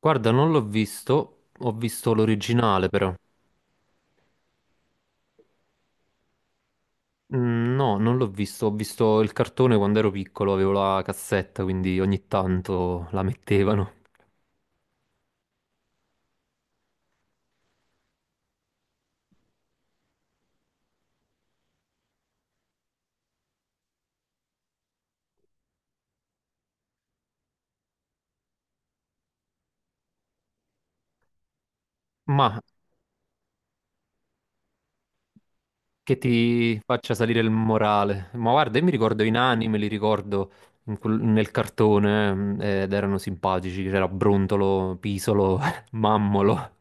Guarda, non l'ho visto, ho visto l'originale però. Mm, no, non l'ho visto, ho visto il cartone quando ero piccolo, avevo la cassetta, quindi ogni tanto la mettevano. Ma che ti faccia salire il morale. Ma guarda, io mi ricordo i nani, me li ricordo nel cartone ed erano simpatici, c'era Brontolo, Pisolo, Mammolo.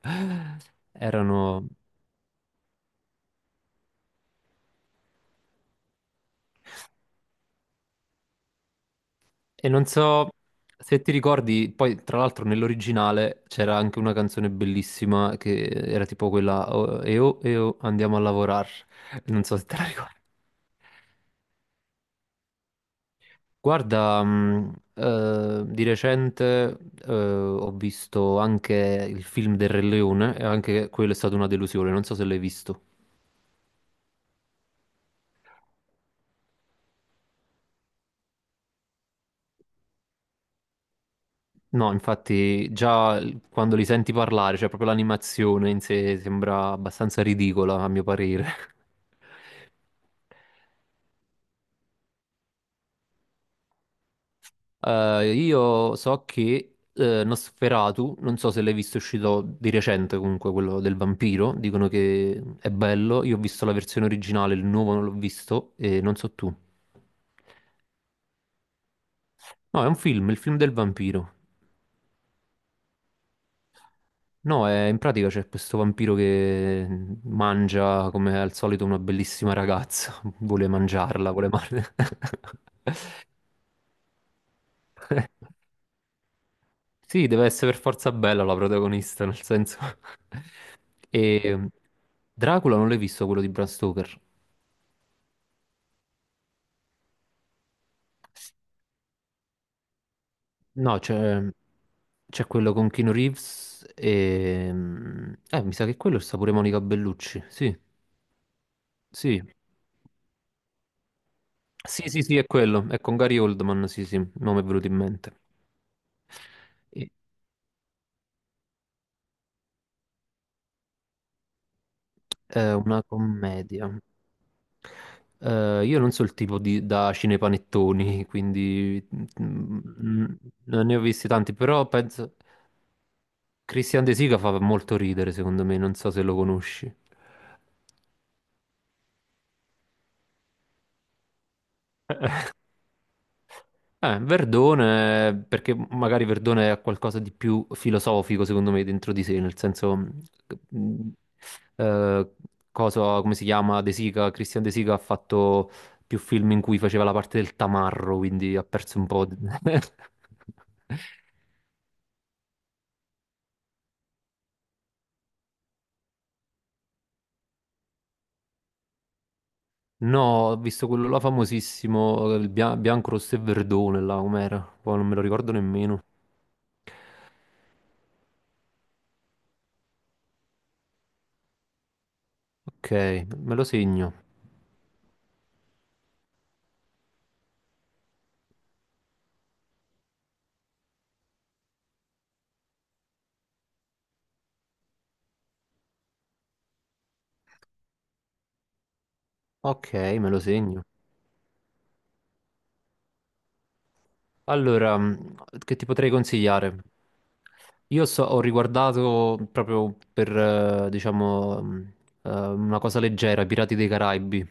Erano... E non so se ti ricordi, poi tra l'altro nell'originale c'era anche una canzone bellissima che era tipo quella "Oh, e oh, e oh, andiamo a lavorare." Non so se te la ricordi. Guarda, di recente ho visto anche il film del Re Leone e anche quello è stata una delusione, non so se l'hai visto. No, infatti quando li senti parlare, cioè proprio l'animazione in sé sembra abbastanza ridicola a mio parere. Io so che Nosferatu, non so se l'hai visto, è uscito di recente, comunque quello del vampiro, dicono che è bello, io ho visto la versione originale, il nuovo non l'ho visto e non so tu. No, è un film, il film del vampiro. No, in pratica c'è questo vampiro che mangia come al solito una bellissima ragazza, vuole mangiarla, vuole mangiarla. Sì, deve essere per forza bella la protagonista, nel senso... E Dracula non l'hai visto, quello di Bram Stoker? No, c'è quello con Keanu Reeves e... mi sa che quello sta pure Monica Bellucci, sì, sì. Sì, sì, sì, è quello, è con Gary Oldman, sì, sì, il nome è venuto in mente. E- È una commedia. Io non so, il tipo di, da cinepanettoni, quindi mm, mm, non ne ho visti tanti, però penso Christian De Sica fa molto ridere, secondo me, non so se lo conosci. Verdone, perché magari Verdone ha qualcosa di più filosofico, secondo me, dentro di sé, nel senso, mm, eh, cosa, come si chiama, De Sica, Christian De Sica ha fatto più film in cui faceva la parte del tamarro, quindi ha perso un po'... No, ho visto quello là famosissimo, il bianco, rosso e verdone, là, com'era? Poi non me lo ricordo nemmeno. Ok, me lo segno. Ok, me lo segno. Allora, che ti potrei consigliare? Io ho riguardato proprio per, diciamo, una cosa leggera, i Pirati dei Caraibi.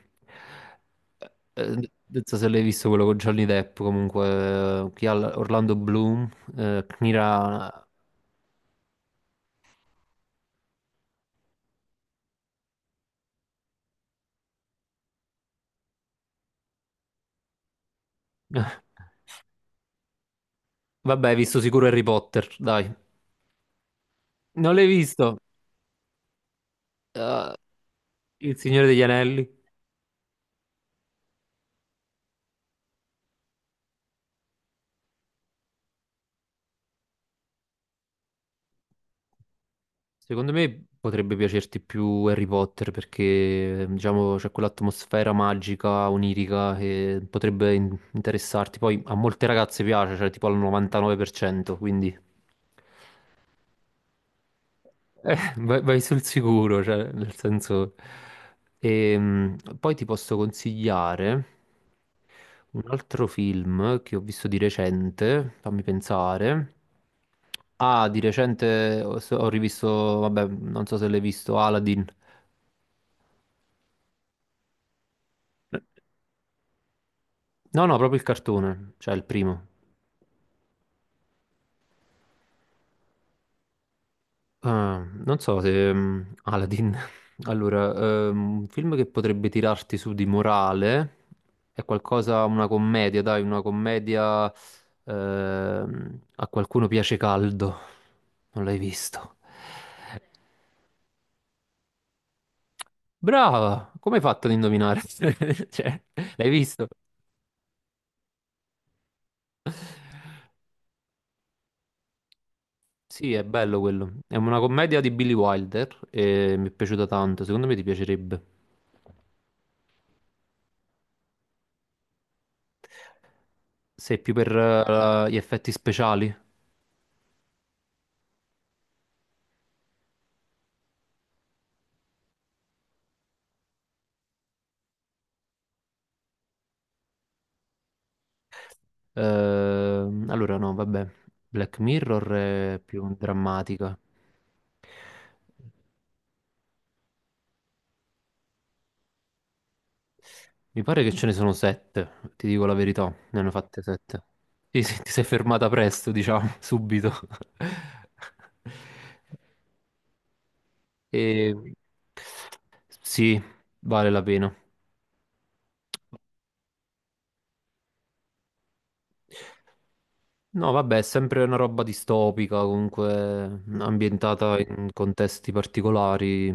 Non so se l'hai visto, quello con Johnny Depp, comunque, Orlando Bloom, Kira... Vabbè, hai visto sicuro Harry Potter, dai. Non l'hai visto? Ah, Il Signore degli Anelli? Secondo me potrebbe piacerti più Harry Potter perché, diciamo, c'è quell'atmosfera magica, onirica che potrebbe interessarti. Poi a molte ragazze piace, cioè tipo al 99%, quindi... vai, vai sul sicuro, cioè, nel senso... poi ti posso consigliare un altro film che ho visto di recente, fammi pensare. Ah, di recente ho rivisto, vabbè, non so se l'hai visto, Aladdin. No, no, proprio il cartone, cioè il primo. Ah, non so se Aladdin. Allora, un film che potrebbe tirarti su di morale è qualcosa, una commedia, dai, una commedia A qualcuno piace caldo. Non l'hai visto? Brava! Come hai fatto ad indovinare? Cioè, l'hai visto? Sì, è bello quello. È una commedia di Billy Wilder e mi è piaciuta tanto. Secondo me ti piacerebbe. Sei più per gli effetti speciali? Allora, no, vabbè. Black Mirror è più drammatica. Mi pare che ce ne sono sette, ti dico la verità, ne hanno fatte sette. Sì, sì, ti sei fermata presto, diciamo, subito. E... Sì, vale la pena. No, vabbè, è sempre una roba distopica, comunque ambientata in contesti particolari.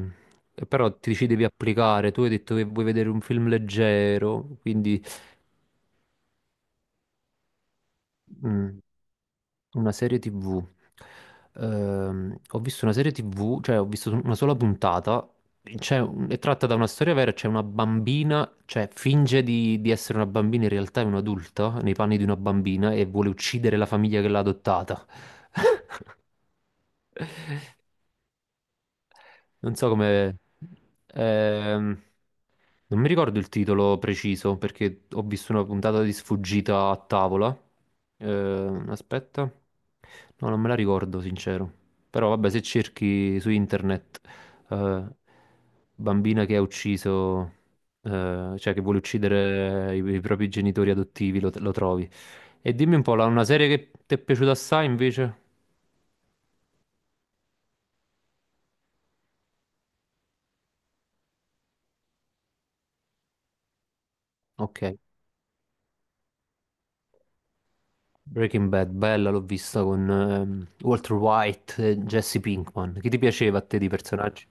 E però ti ci devi applicare. Tu hai detto che vuoi vedere un film leggero, quindi mm, una serie TV. Ho visto una serie TV, cioè ho visto una sola puntata. È tratta da una storia vera, c'è una bambina, cioè finge di essere una bambina, in realtà è un'adulta nei panni di una bambina e vuole uccidere la famiglia che l'ha adottata. Non so come... ehm, non mi ricordo il titolo preciso perché ho visto una puntata di sfuggita a tavola. Aspetta. No, non me la ricordo, sincero. Però vabbè, se cerchi su internet eh, bambina che ha ucciso, cioè che vuole uccidere i propri genitori adottivi, lo trovi. E dimmi un po', una serie che ti è piaciuta assai invece? Ok. Breaking Bad, bella, l'ho vista con Walter White e Jesse Pinkman. Chi ti piaceva a te di personaggi?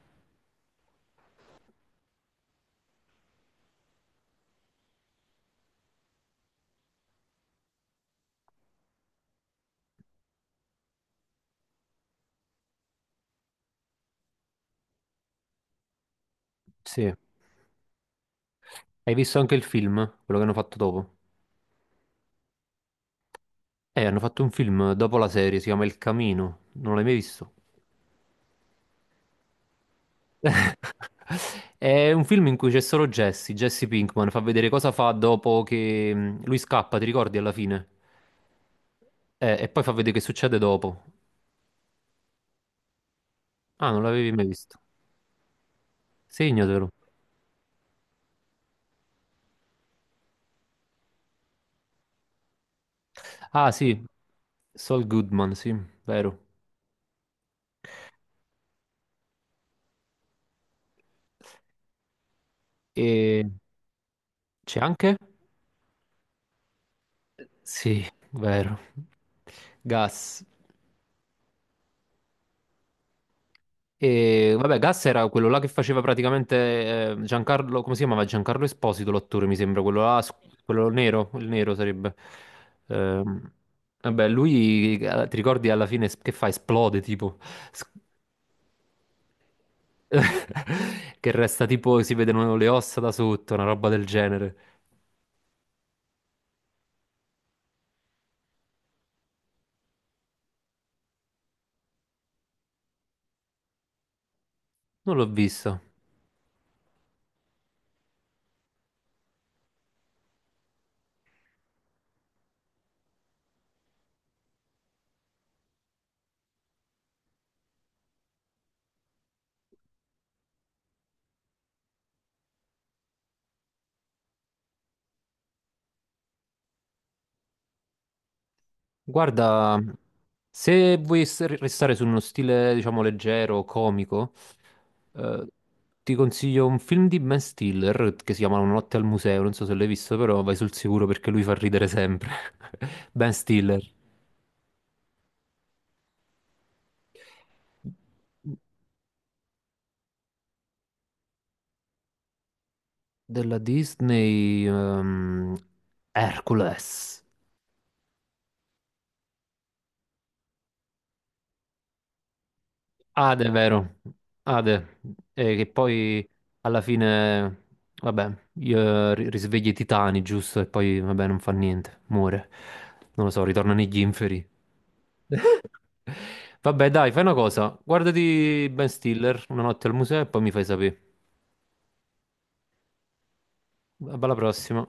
Sì. Hai visto anche il film, quello che hanno fatto dopo? Hanno fatto un film dopo la serie, si chiama Il Camino. Non l'hai mai visto? È un film in cui c'è solo Jesse, Jesse Pinkman, fa vedere cosa fa dopo che lui scappa, ti ricordi alla fine? E poi fa vedere che succede dopo. Ah, non l'avevi mai visto. Segnatelo. Ah, sì. Saul Goodman, sì, vero. E... C'è anche? Sì, vero. Gas. E vabbè, Gas era quello là che faceva praticamente Giancarlo, come si chiamava? Giancarlo Esposito, l'attore, mi sembra, quello là, quello nero, il nero sarebbe. Ehm, vabbè, lui, ti ricordi alla fine che fa? Esplode, tipo. S- Che resta tipo, si vedono le ossa da sotto, una roba del genere. Non l'ho visto. Guarda, se vuoi restare su uno stile, diciamo, leggero, comico, eh, ti consiglio un film di Ben Stiller che si chiama Una notte al museo, non so se l'hai visto, però vai sul sicuro perché lui fa ridere sempre. Ben Stiller. Della Disney, Hercules. Ade, vero? Ade, che poi alla fine, vabbè, io risveglia i titani, giusto? E poi, vabbè, non fa niente, muore. Non lo so, ritorna negli inferi. Vabbè, dai, fai una cosa. Guardati Ben Stiller, una notte al museo, e poi mi fai sapere. Alla prossima.